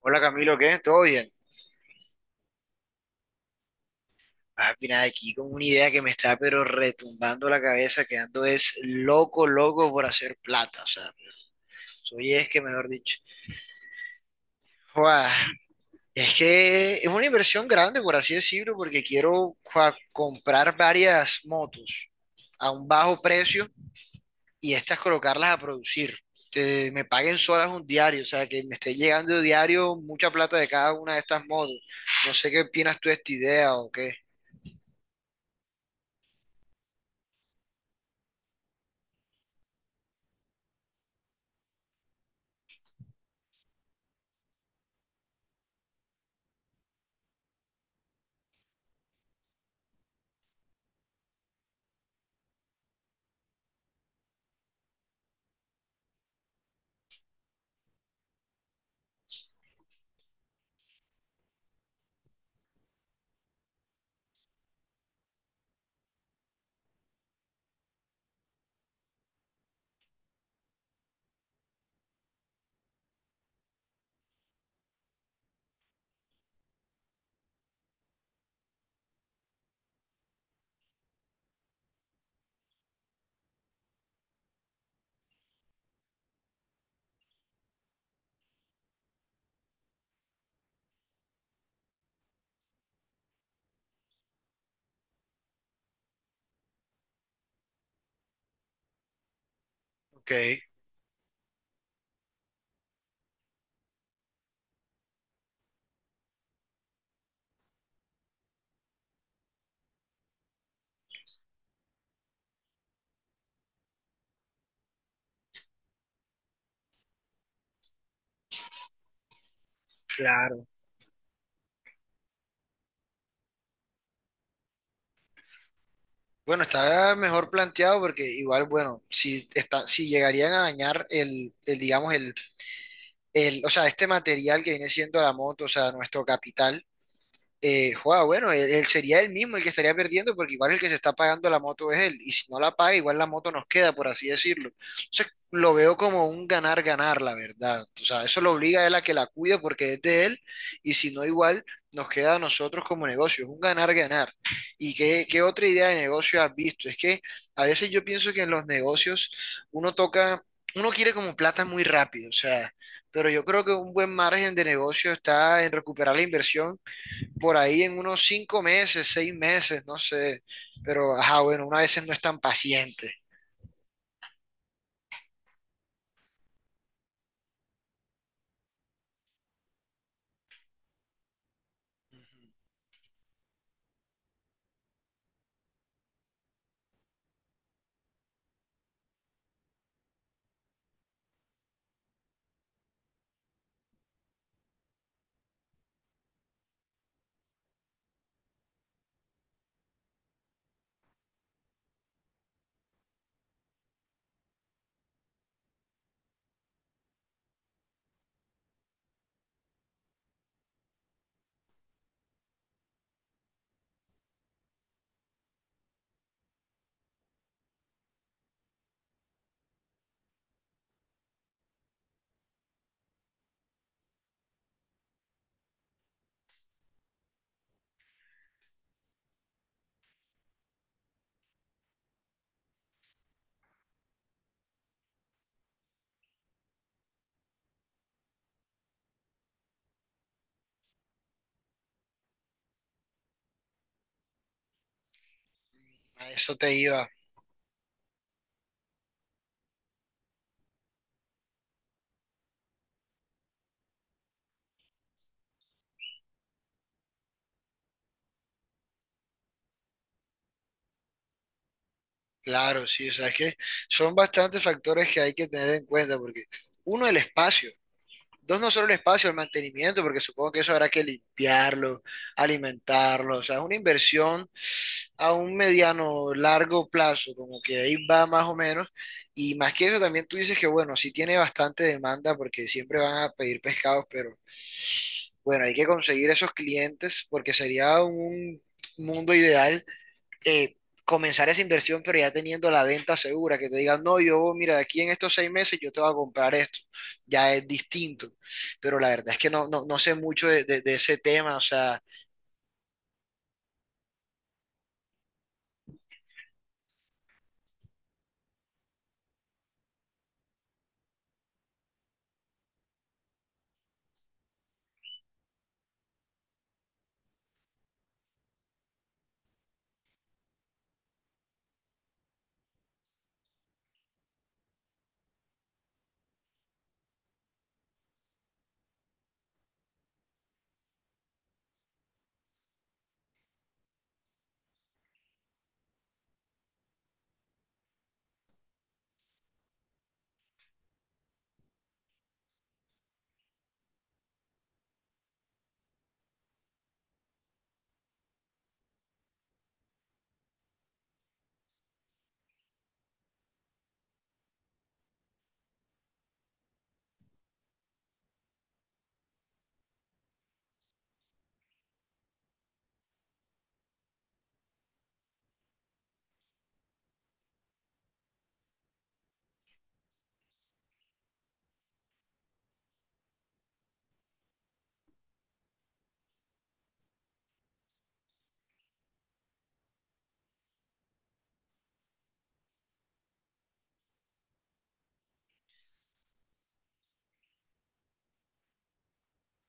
Hola Camilo, ¿qué? ¿Todo bien? Ah, mira, aquí con una idea que me está pero retumbando la cabeza, quedando es loco, loco por hacer plata, o sea, soy es que mejor dicho. Joda, es que es una inversión grande, por así decirlo, porque quiero joda, comprar varias motos a un bajo precio y estas colocarlas a producir. Que me paguen solas un diario, o sea, que me esté llegando diario mucha plata de cada una de estas motos. No sé qué opinas tú de esta idea o qué. Ok, claro. Bueno, está mejor planteado porque igual, bueno, si está, si llegarían a dañar digamos, o sea, este material que viene siendo la moto, o sea, nuestro capital, joda, bueno, él sería él mismo el que estaría perdiendo porque igual el que se está pagando la moto es él y si no la paga igual la moto nos queda, por así decirlo. Entonces lo veo como un ganar-ganar, la verdad. O sea, eso lo obliga a él a que la cuide porque es de él y si no igual nos queda a nosotros como negocio, es un ganar-ganar. ¿Y qué, qué otra idea de negocio has visto? Es que a veces yo pienso que en los negocios uno toca, uno quiere como plata muy rápido, o sea, pero yo creo que un buen margen de negocio está en recuperar la inversión por ahí en unos 5 meses, 6 meses, no sé. Pero, ajá, bueno, una vez no es tan paciente. A eso te iba. Claro, sí, o sea, es que son bastantes factores que hay que tener en cuenta, porque uno, el espacio, dos, no solo el espacio, el mantenimiento, porque supongo que eso habrá que limpiarlo, alimentarlo, o sea, es una inversión a un mediano, largo plazo, como que ahí va más o menos, y más que eso también tú dices que, bueno, sí tiene bastante demanda, porque siempre van a pedir pescados, pero bueno, hay que conseguir esos clientes porque sería un mundo ideal eh, comenzar esa inversión, pero ya teniendo la venta segura, que te digan, no, yo, mira, de aquí en estos 6 meses yo te voy a comprar esto. Ya es distinto. Pero la verdad es que no sé mucho de, de ese tema. O sea,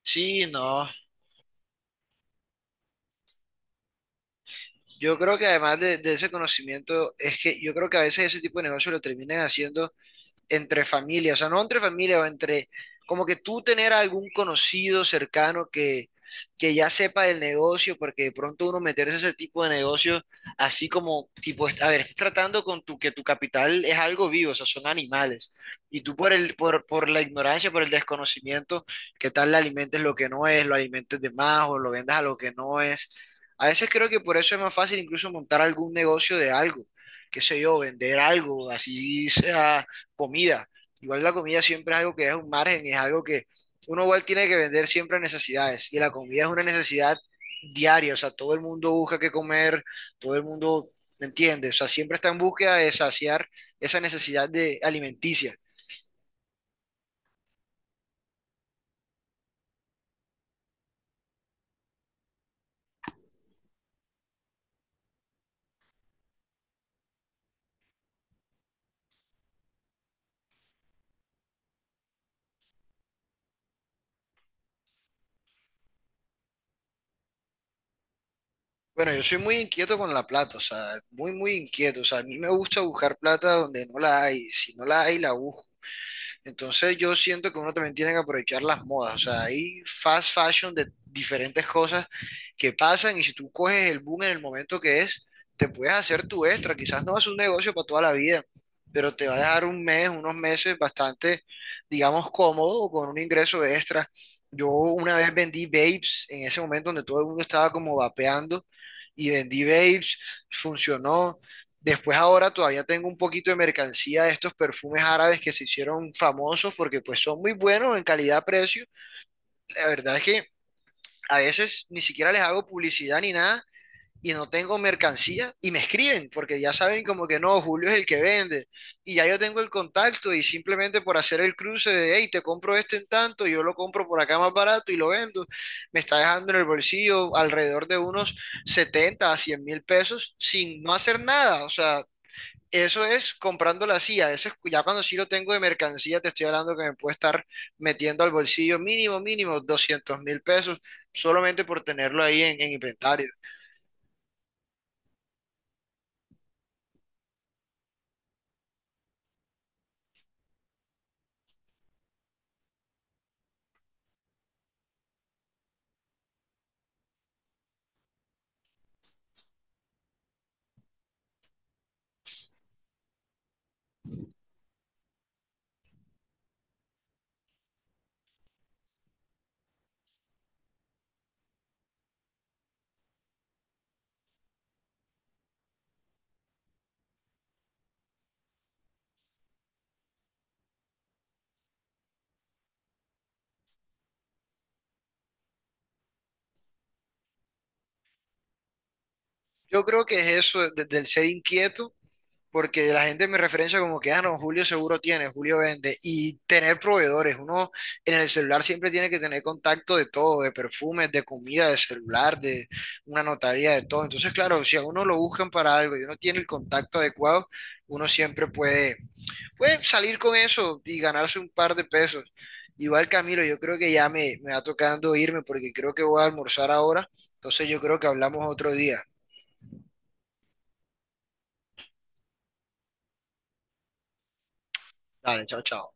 sí, no. Yo creo que además de ese conocimiento, es que yo creo que a veces ese tipo de negocio lo terminan haciendo entre familia, o sea, no entre familia, o entre como que tú tener algún conocido cercano que ya sepa del negocio, porque de pronto uno meterse a ese tipo de negocios, así como, tipo, a ver, estás tratando con tu, que tu capital es algo vivo, o sea, son animales, y tú por el, por la ignorancia, por el desconocimiento, ¿qué tal le alimentes lo que no es, lo alimentes de más, o lo vendas a lo que no es? A veces creo que por eso es más fácil incluso montar algún negocio de algo, qué sé yo, vender algo, así sea comida. Igual la comida siempre es algo que es un margen, es algo que uno igual tiene que vender siempre necesidades y la comida es una necesidad diaria, o sea, todo el mundo busca qué comer, todo el mundo, ¿me entiendes? O sea, siempre está en búsqueda de saciar esa necesidad de alimenticia. Bueno, yo soy muy inquieto con la plata, o sea, muy, muy inquieto, o sea, a mí me gusta buscar plata donde no la hay, si no la hay, la busco. Entonces yo siento que uno también tiene que aprovechar las modas, o sea, hay fast fashion de diferentes cosas que pasan y si tú coges el boom en el momento que es, te puedes hacer tu extra, quizás no vas a hacer un negocio para toda la vida, pero te va a dejar un mes, unos meses bastante, digamos, cómodo o con un ingreso extra. Yo una vez vendí vapes en ese momento donde todo el mundo estaba como vapeando y vendí vapes, funcionó. Después ahora todavía tengo un poquito de mercancía de estos perfumes árabes que se hicieron famosos porque pues son muy buenos en calidad-precio. La verdad es que a veces ni siquiera les hago publicidad ni nada y no tengo mercancía y me escriben porque ya saben como que no, Julio es el que vende y ya yo tengo el contacto y simplemente por hacer el cruce de, hey, te compro este en tanto, yo lo compro por acá más barato y lo vendo, me está dejando en el bolsillo alrededor de unos 70 a 100 mil pesos sin no hacer nada, o sea, eso es comprando la CIA, eso es ya cuando sí lo tengo de mercancía, te estoy hablando que me puede estar metiendo al bolsillo mínimo, mínimo 200 mil pesos solamente por tenerlo ahí en inventario. Yo creo que es eso del ser inquieto, porque la gente me referencia como que, ah, no, Julio seguro tiene, Julio vende, y tener proveedores. Uno en el celular siempre tiene que tener contacto de todo, de perfumes, de comida, de celular, de una notaría, de todo. Entonces, claro, si a uno lo buscan para algo y uno tiene el contacto adecuado, uno siempre puede salir con eso y ganarse un par de pesos. Igual Camilo, yo creo que ya me va tocando irme porque creo que voy a almorzar ahora. Entonces yo creo que hablamos otro día. Dale, chao, chao.